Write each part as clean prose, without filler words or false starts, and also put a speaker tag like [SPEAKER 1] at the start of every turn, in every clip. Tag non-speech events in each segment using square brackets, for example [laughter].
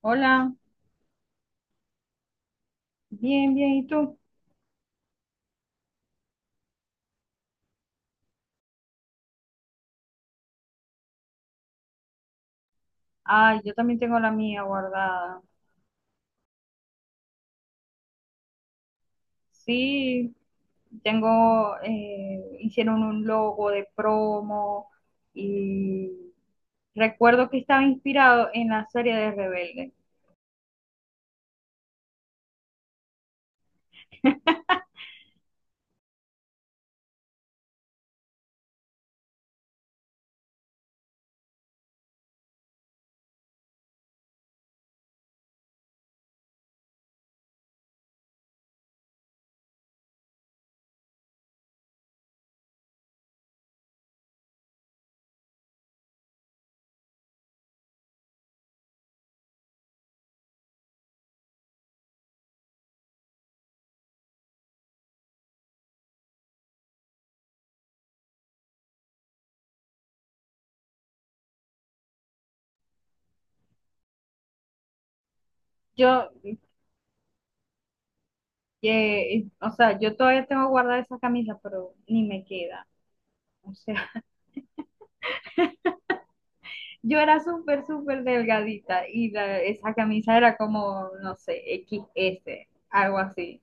[SPEAKER 1] Hola, bien, bien, ¿y tú? Ay, yo también tengo la mía guardada. Sí, tengo, hicieron un logo de promo y recuerdo que estaba inspirado en la serie de Rebelde. Yo, o sea, yo todavía tengo guardada esa camisa, pero ni me queda. O sea, [laughs] yo era súper, súper delgadita y esa camisa era como, no sé, XS, algo así.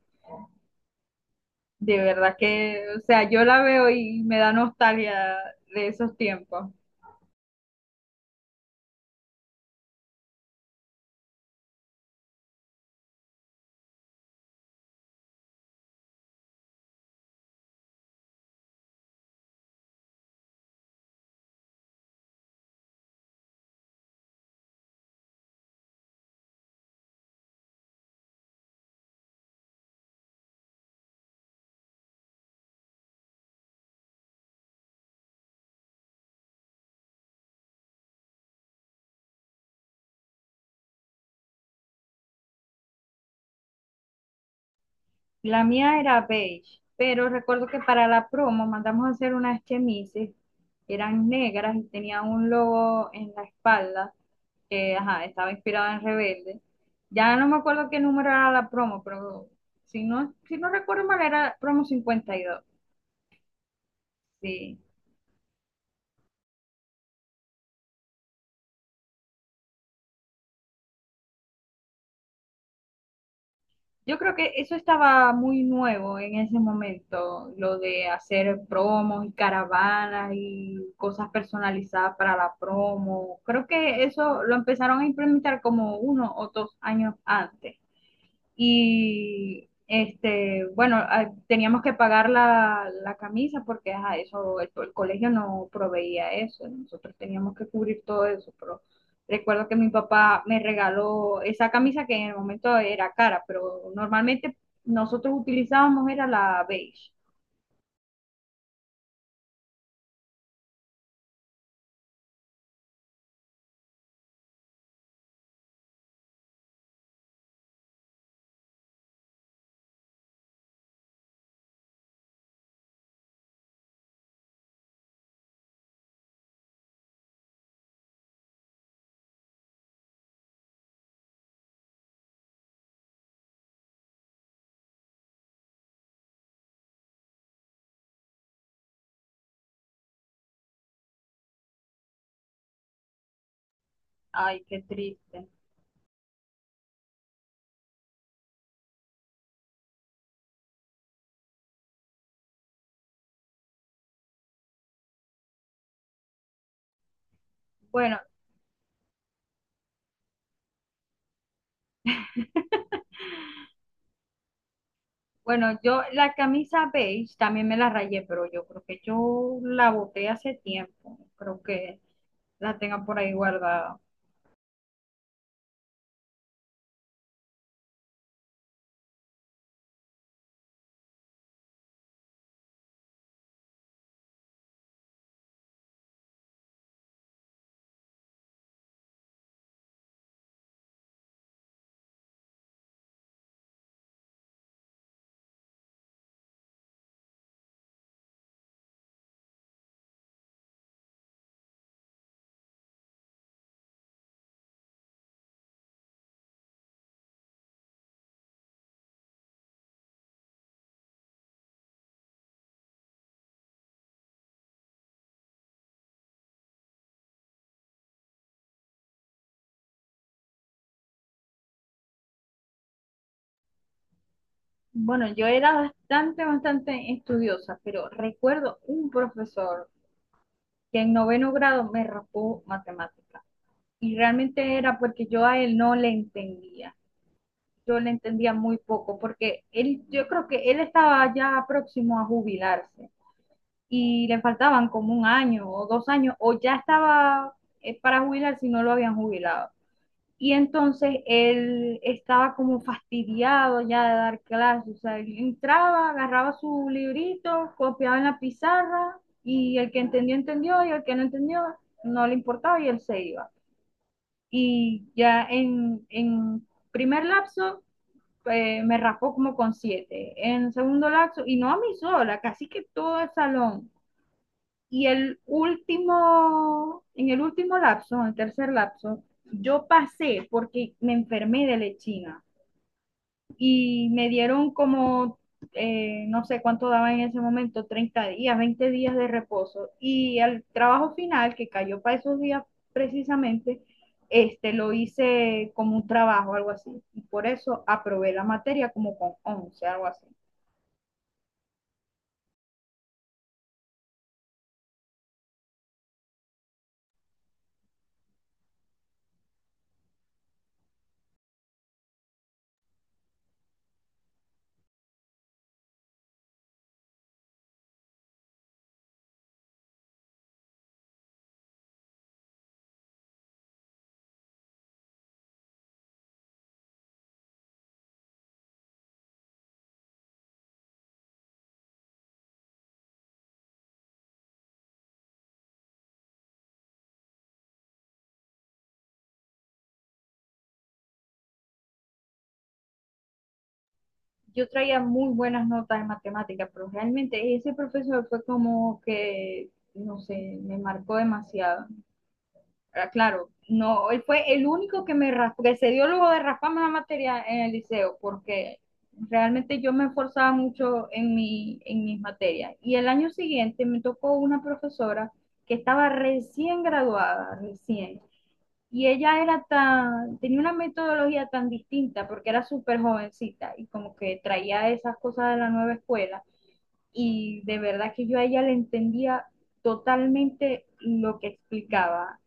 [SPEAKER 1] De verdad que, o sea, yo la veo y me da nostalgia de esos tiempos. La mía era beige, pero recuerdo que para la promo mandamos a hacer unas chemises, eran negras y tenían un logo en la espalda, que ajá, estaba inspirado en Rebelde. Ya no me acuerdo qué número era la promo, pero si no, si no recuerdo mal, era promo 52. Sí. Yo creo que eso estaba muy nuevo en ese momento, lo de hacer promos y caravanas y cosas personalizadas para la promo. Creo que eso lo empezaron a implementar como uno o dos años antes y este, bueno, ah, teníamos que pagar la camisa porque ajá, eso, el colegio no proveía eso, nosotros teníamos que cubrir todo eso, pero recuerdo que mi papá me regaló esa camisa que en el momento era cara, pero normalmente nosotros utilizábamos era la beige. Ay, qué triste. Bueno, bueno, yo la camisa beige también me la rayé, pero yo creo que yo la boté hace tiempo, creo que la tenga por ahí guardada. Bueno, yo era bastante, bastante estudiosa, pero recuerdo un profesor que en noveno grado me rapó matemática. Y realmente era porque yo a él no le entendía. Yo le entendía muy poco, porque él, yo creo que él estaba ya próximo a jubilarse y le faltaban como un año o dos años, o ya estaba para jubilarse y no lo habían jubilado. Y entonces él estaba como fastidiado ya de dar clases, o sea, él entraba, agarraba su librito, copiaba en la pizarra y el que entendió, entendió y el que no entendió, no le importaba y él se iba. Y ya en primer lapso, me raspó como con siete, en segundo lapso, y no a mí sola, casi que todo el salón. Y el último, en el último lapso, en el tercer lapso, yo pasé porque me enfermé de lechina y me dieron como, no sé cuánto daba en ese momento, 30 días, 20 días de reposo. Y el trabajo final, que cayó para esos días precisamente, este, lo hice como un trabajo, algo así. Y por eso aprobé la materia como con 11, algo así. Yo traía muy buenas notas en matemáticas, pero realmente ese profesor fue como que, no sé, me marcó demasiado. Ahora, claro, no, él fue el único que me que se dio luego de rasparme la materia en el liceo, porque realmente yo me esforzaba mucho en mis materias. Y el año siguiente me tocó una profesora que estaba recién graduada, recién, y ella era tan, tenía una metodología tan distinta porque era súper jovencita y como que traía esas cosas de la nueva escuela. Y de verdad que yo a ella le entendía totalmente lo que explicaba.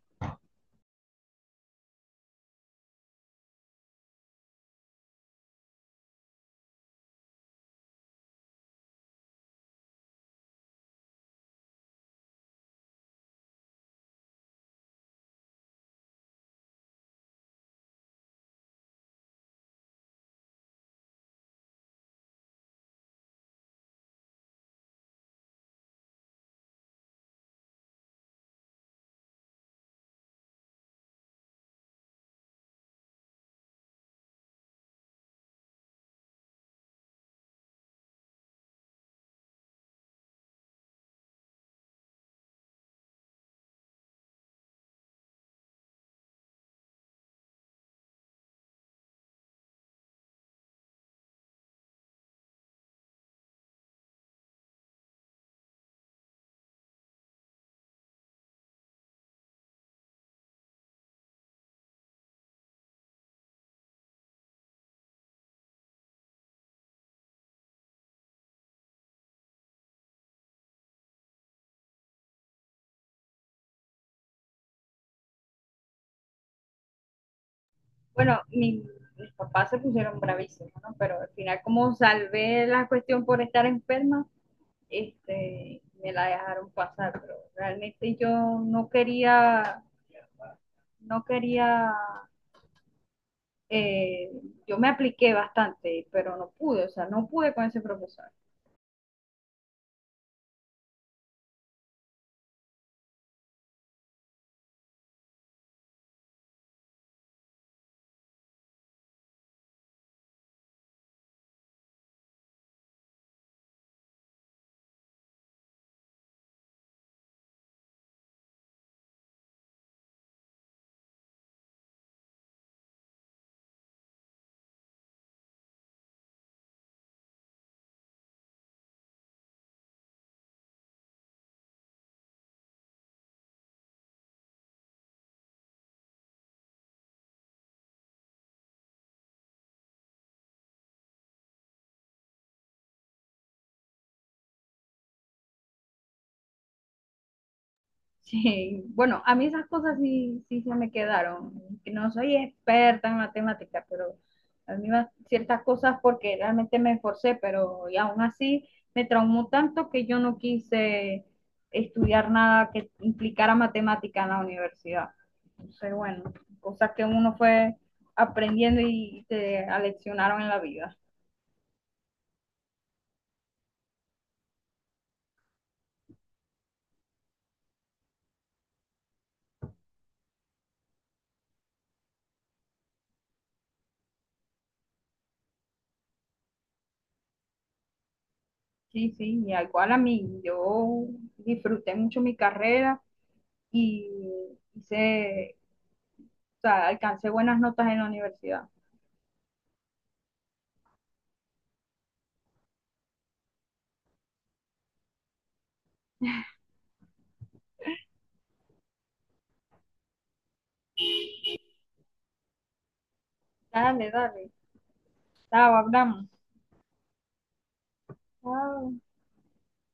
[SPEAKER 1] Bueno, mis papás se pusieron bravísimos, ¿no? Pero al final como salvé la cuestión por estar enferma, este, me la dejaron pasar. Pero realmente yo no quería, no quería eh, yo me apliqué bastante, pero no pude, o sea, no pude con ese profesor. [laughs] Sí, bueno, a mí esas cosas sí, sí se me quedaron. Que no soy experta en matemática, pero a mí ciertas cosas porque realmente me esforcé, pero y aún así me traumó tanto que yo no quise estudiar nada que implicara matemática en la universidad. Entonces, bueno, cosas que uno fue aprendiendo y te aleccionaron en la vida. Sí, sí, y igual a mí, yo disfruté mucho mi carrera y hice, o sea, alcancé buenas notas en la universidad. Dale, dale. Chao, hablamos. Chao.